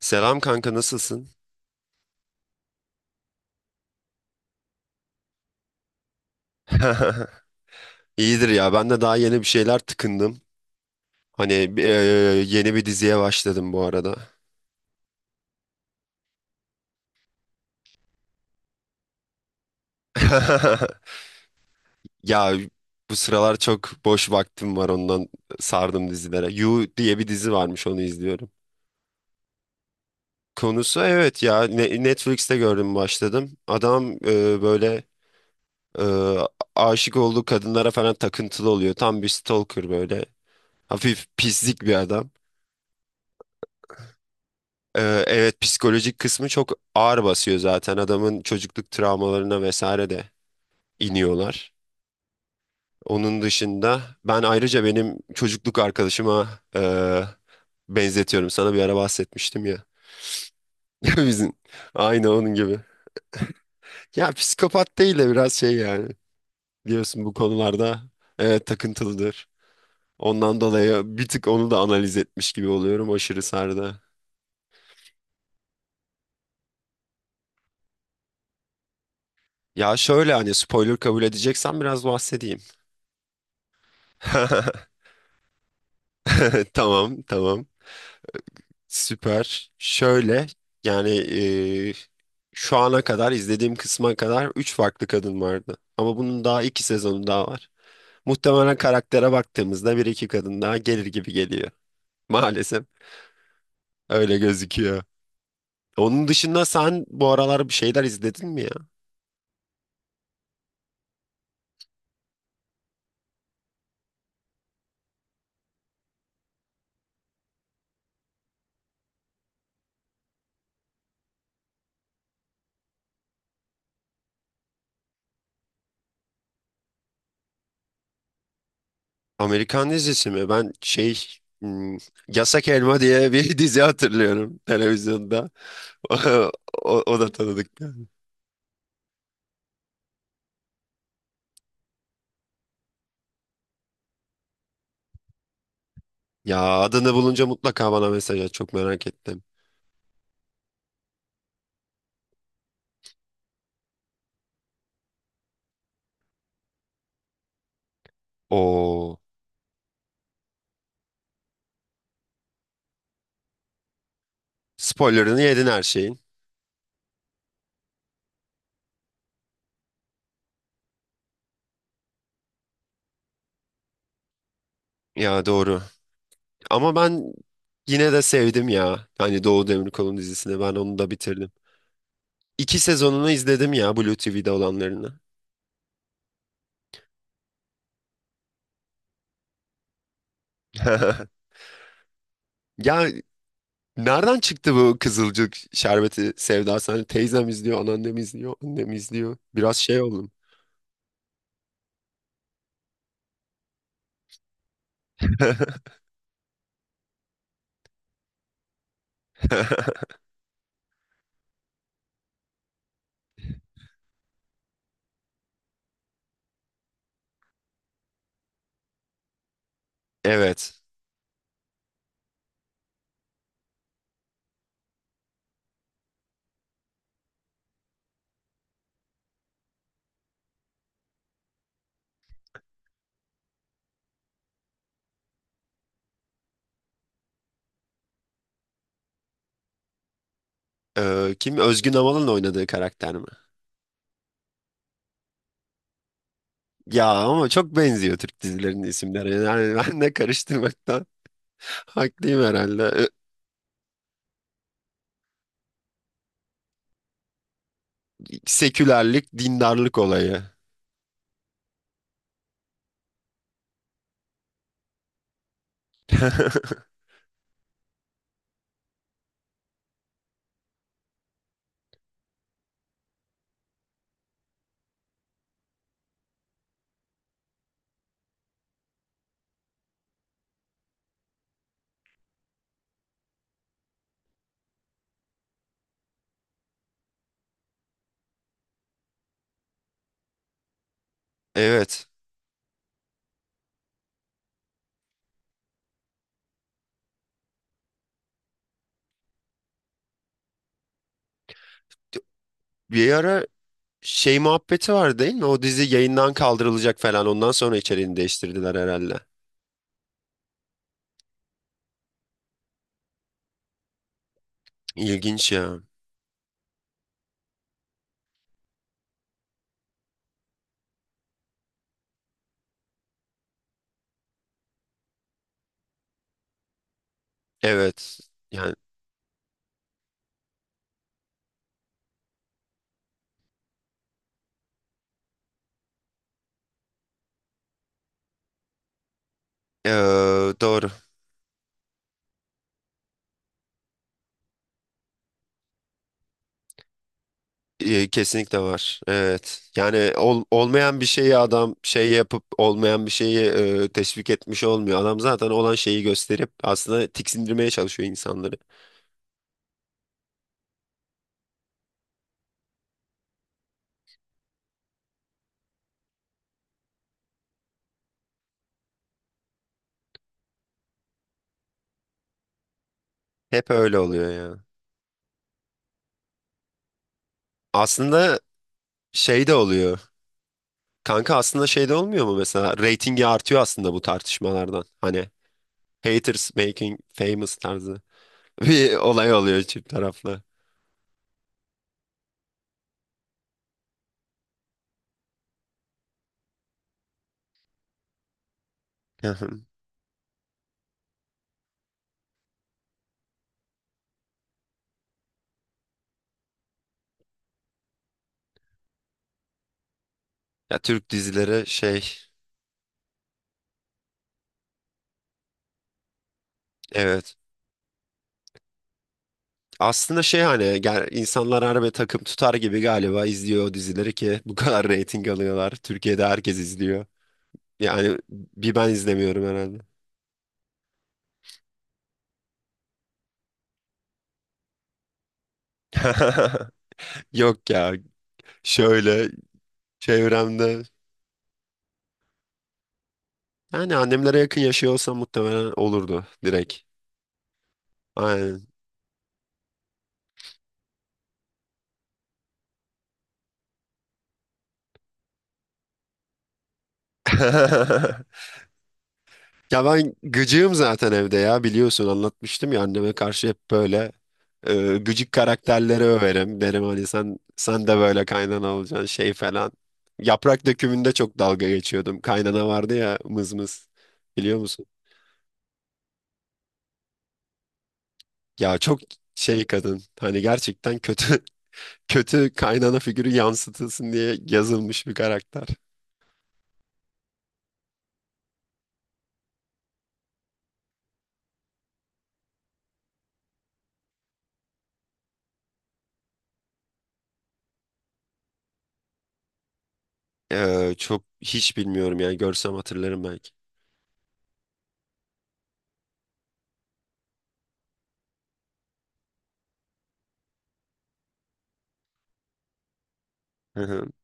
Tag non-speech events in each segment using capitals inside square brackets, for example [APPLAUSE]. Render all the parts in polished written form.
Selam kanka, nasılsın? [LAUGHS] İyidir ya, ben de daha yeni bir şeyler tıkındım. Hani e, yeni bir diziye başladım bu arada. [LAUGHS] Ya bu sıralar çok boş vaktim var, ondan sardım dizilere. You diye bir dizi varmış, onu izliyorum. Konusu evet ya, Netflix'te gördüm, başladım. Adam böyle e, aşık olduğu kadınlara falan takıntılı oluyor. Tam bir stalker böyle. Hafif pislik bir adam. Evet, psikolojik kısmı çok ağır basıyor, zaten adamın çocukluk travmalarına vesaire de iniyorlar. Onun dışında ben ayrıca benim çocukluk arkadaşıma e, benzetiyorum. Sana bir ara bahsetmiştim ya. [LAUGHS] Bizim aynı onun gibi. Ya psikopat değil de biraz şey yani. Biliyorsun bu konularda evet, takıntılıdır. Ondan dolayı bir tık onu da analiz etmiş gibi oluyorum, aşırı sardı. Ya şöyle, hani spoiler kabul edeceksen biraz bahsedeyim. [LAUGHS] Tamam tamam. Süper. Şöyle, yani şu ana kadar izlediğim kısma kadar 3 farklı kadın vardı. Ama bunun daha 2 sezonu daha var. Muhtemelen karaktere baktığımızda bir iki kadın daha gelir gibi geliyor. [LAUGHS] Maalesef öyle gözüküyor. Onun dışında sen bu aralar bir şeyler izledin mi ya? Amerikan dizisi mi? Ben şey, hmm, Yasak Elma diye bir [LAUGHS] dizi hatırlıyorum televizyonda. [LAUGHS] O, o da tanıdık geldi. Ya adını bulunca mutlaka bana mesaj at. Çok merak ettim. O spoilerını yedin her şeyin. Ya doğru. Ama ben yine de sevdim ya. Hani Doğu Demirkol'un dizisini, ben onu da bitirdim. İki sezonunu izledim ya, Blue TV'de olanlarını. [LAUGHS] Ya nereden çıktı bu Kızılcık şerbeti sevdası? Hani teyzem izliyor, anneannem izliyor, annem izliyor. Biraz şey oldum. [LAUGHS] Evet. Kim? Özgün Amal'ın oynadığı karakter mi? Ya ama çok benziyor Türk dizilerinin isimleri. Yani ben de karıştırmaktan [LAUGHS] haklıyım herhalde. Sekülerlik, dindarlık olayı. [LAUGHS] Evet. Bir ara şey muhabbeti var değil mi? O dizi yayından kaldırılacak falan. Ondan sonra içeriğini değiştirdiler herhalde. İlginç ya. Evet. Yani eee, doğru. E, kesinlikle var. Evet. Yani olmayan bir şeyi adam şey yapıp olmayan bir şeyi teşvik etmiş olmuyor. Adam zaten olan şeyi gösterip aslında tiksindirmeye çalışıyor insanları. Hep öyle oluyor ya. Aslında şey de oluyor. Kanka, aslında şeyde olmuyor mu mesela, reytingi artıyor aslında bu tartışmalardan. Hani haters making famous tarzı [LAUGHS] bir olay oluyor çift taraflı. Hı hı. Ya Türk dizileri şey, evet. Aslında şey, hani gel, insanlar harbi takım tutar gibi galiba izliyor o dizileri ki bu kadar [LAUGHS] reyting alıyorlar. Türkiye'de herkes izliyor. Yani bir ben izlemiyorum herhalde. [LAUGHS] Yok ya, şöyle çevremde, yani annemlere yakın yaşıyor olsam muhtemelen olurdu direkt. Aynen. [LAUGHS] Ya ben gıcığım zaten evde ya, biliyorsun anlatmıştım ya, anneme karşı hep böyle gıcık karakterleri överim. Derim hani sen de böyle kaynana olacaksın şey falan. Yaprak Dökümü'nde çok dalga geçiyordum. Kaynana vardı ya mız mız, biliyor musun? Ya çok şey kadın, hani gerçekten kötü [LAUGHS] kötü kaynana figürü yansıtılsın diye yazılmış bir karakter. Çok hiç bilmiyorum yani, görsem hatırlarım belki. [LAUGHS]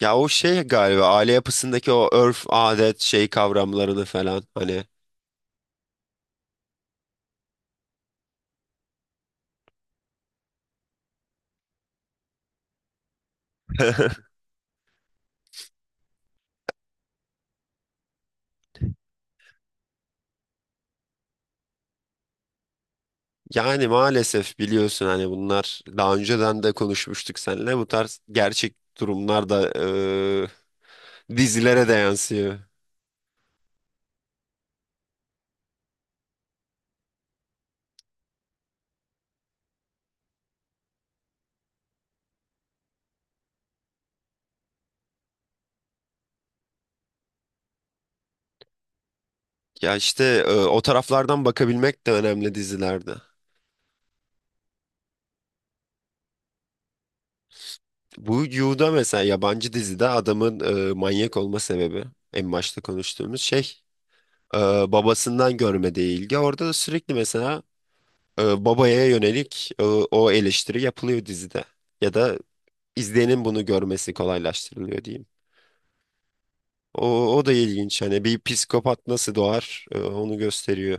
Ya o şey galiba, aile yapısındaki o örf, adet, şey kavramlarını falan hani. [LAUGHS] Yani maalesef biliyorsun hani, bunlar daha önceden de konuşmuştuk seninle, bu tarz gerçek durumlar da dizilere de yansıyor. Ya işte o taraflardan bakabilmek de önemli dizilerde. Bu Yu'da mesela, yabancı dizide adamın manyak olma sebebi, en başta konuştuğumuz şey, e, babasından görmediği ilgi. Orada da sürekli mesela babaya yönelik o eleştiri yapılıyor dizide. Ya da izleyenin bunu görmesi kolaylaştırılıyor diyeyim. O, o da ilginç. Hani bir psikopat nasıl doğar, onu gösteriyor.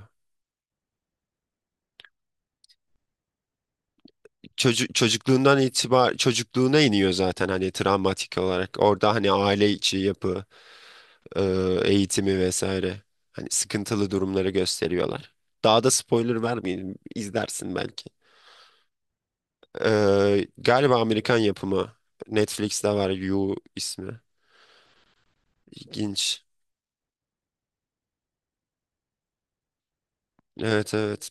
Çocukluğundan çocukluğuna iniyor zaten, hani travmatik olarak. Orada hani aile içi yapı, e, eğitimi vesaire. Hani sıkıntılı durumları gösteriyorlar. Daha da spoiler vermeyeyim, izlersin belki. E, galiba Amerikan yapımı. Netflix'te var, You ismi. İlginç. Evet evet.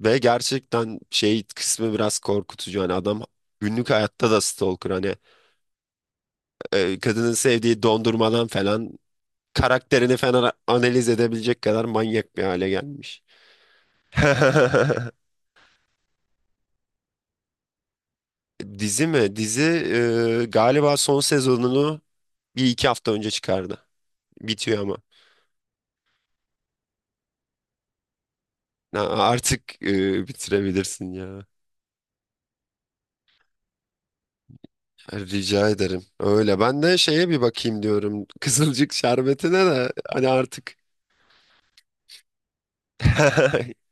Ve gerçekten şey kısmı biraz korkutucu. Hani adam günlük hayatta da stalker. Hani kadının sevdiği dondurmadan falan karakterini falan analiz edebilecek kadar manyak bir hale gelmiş. [LAUGHS] Dizi mi? Dizi galiba son sezonunu bir iki hafta önce çıkardı. Bitiyor ama. Ya artık bitirebilirsin ya. Rica ederim. Öyle. Ben de şeye bir bakayım diyorum, Kızılcık Şerbeti'ne de hani artık. [LAUGHS]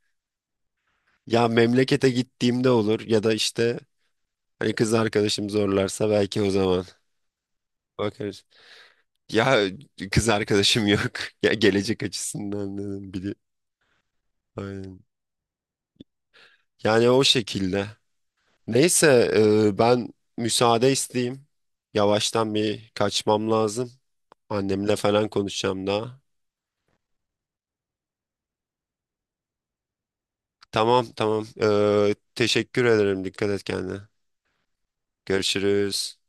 Ya memlekete gittiğimde olur, ya da işte hani kız arkadaşım zorlarsa belki o zaman bakarız. Ya kız arkadaşım yok. [LAUGHS] Ya gelecek açısından dedim bili. Aynen. Yani o şekilde. Neyse, ben müsaade isteyeyim. Yavaştan bir kaçmam lazım. Annemle falan konuşacağım daha. Tamam tamam. E, teşekkür ederim. Dikkat et kendine. Görüşürüz.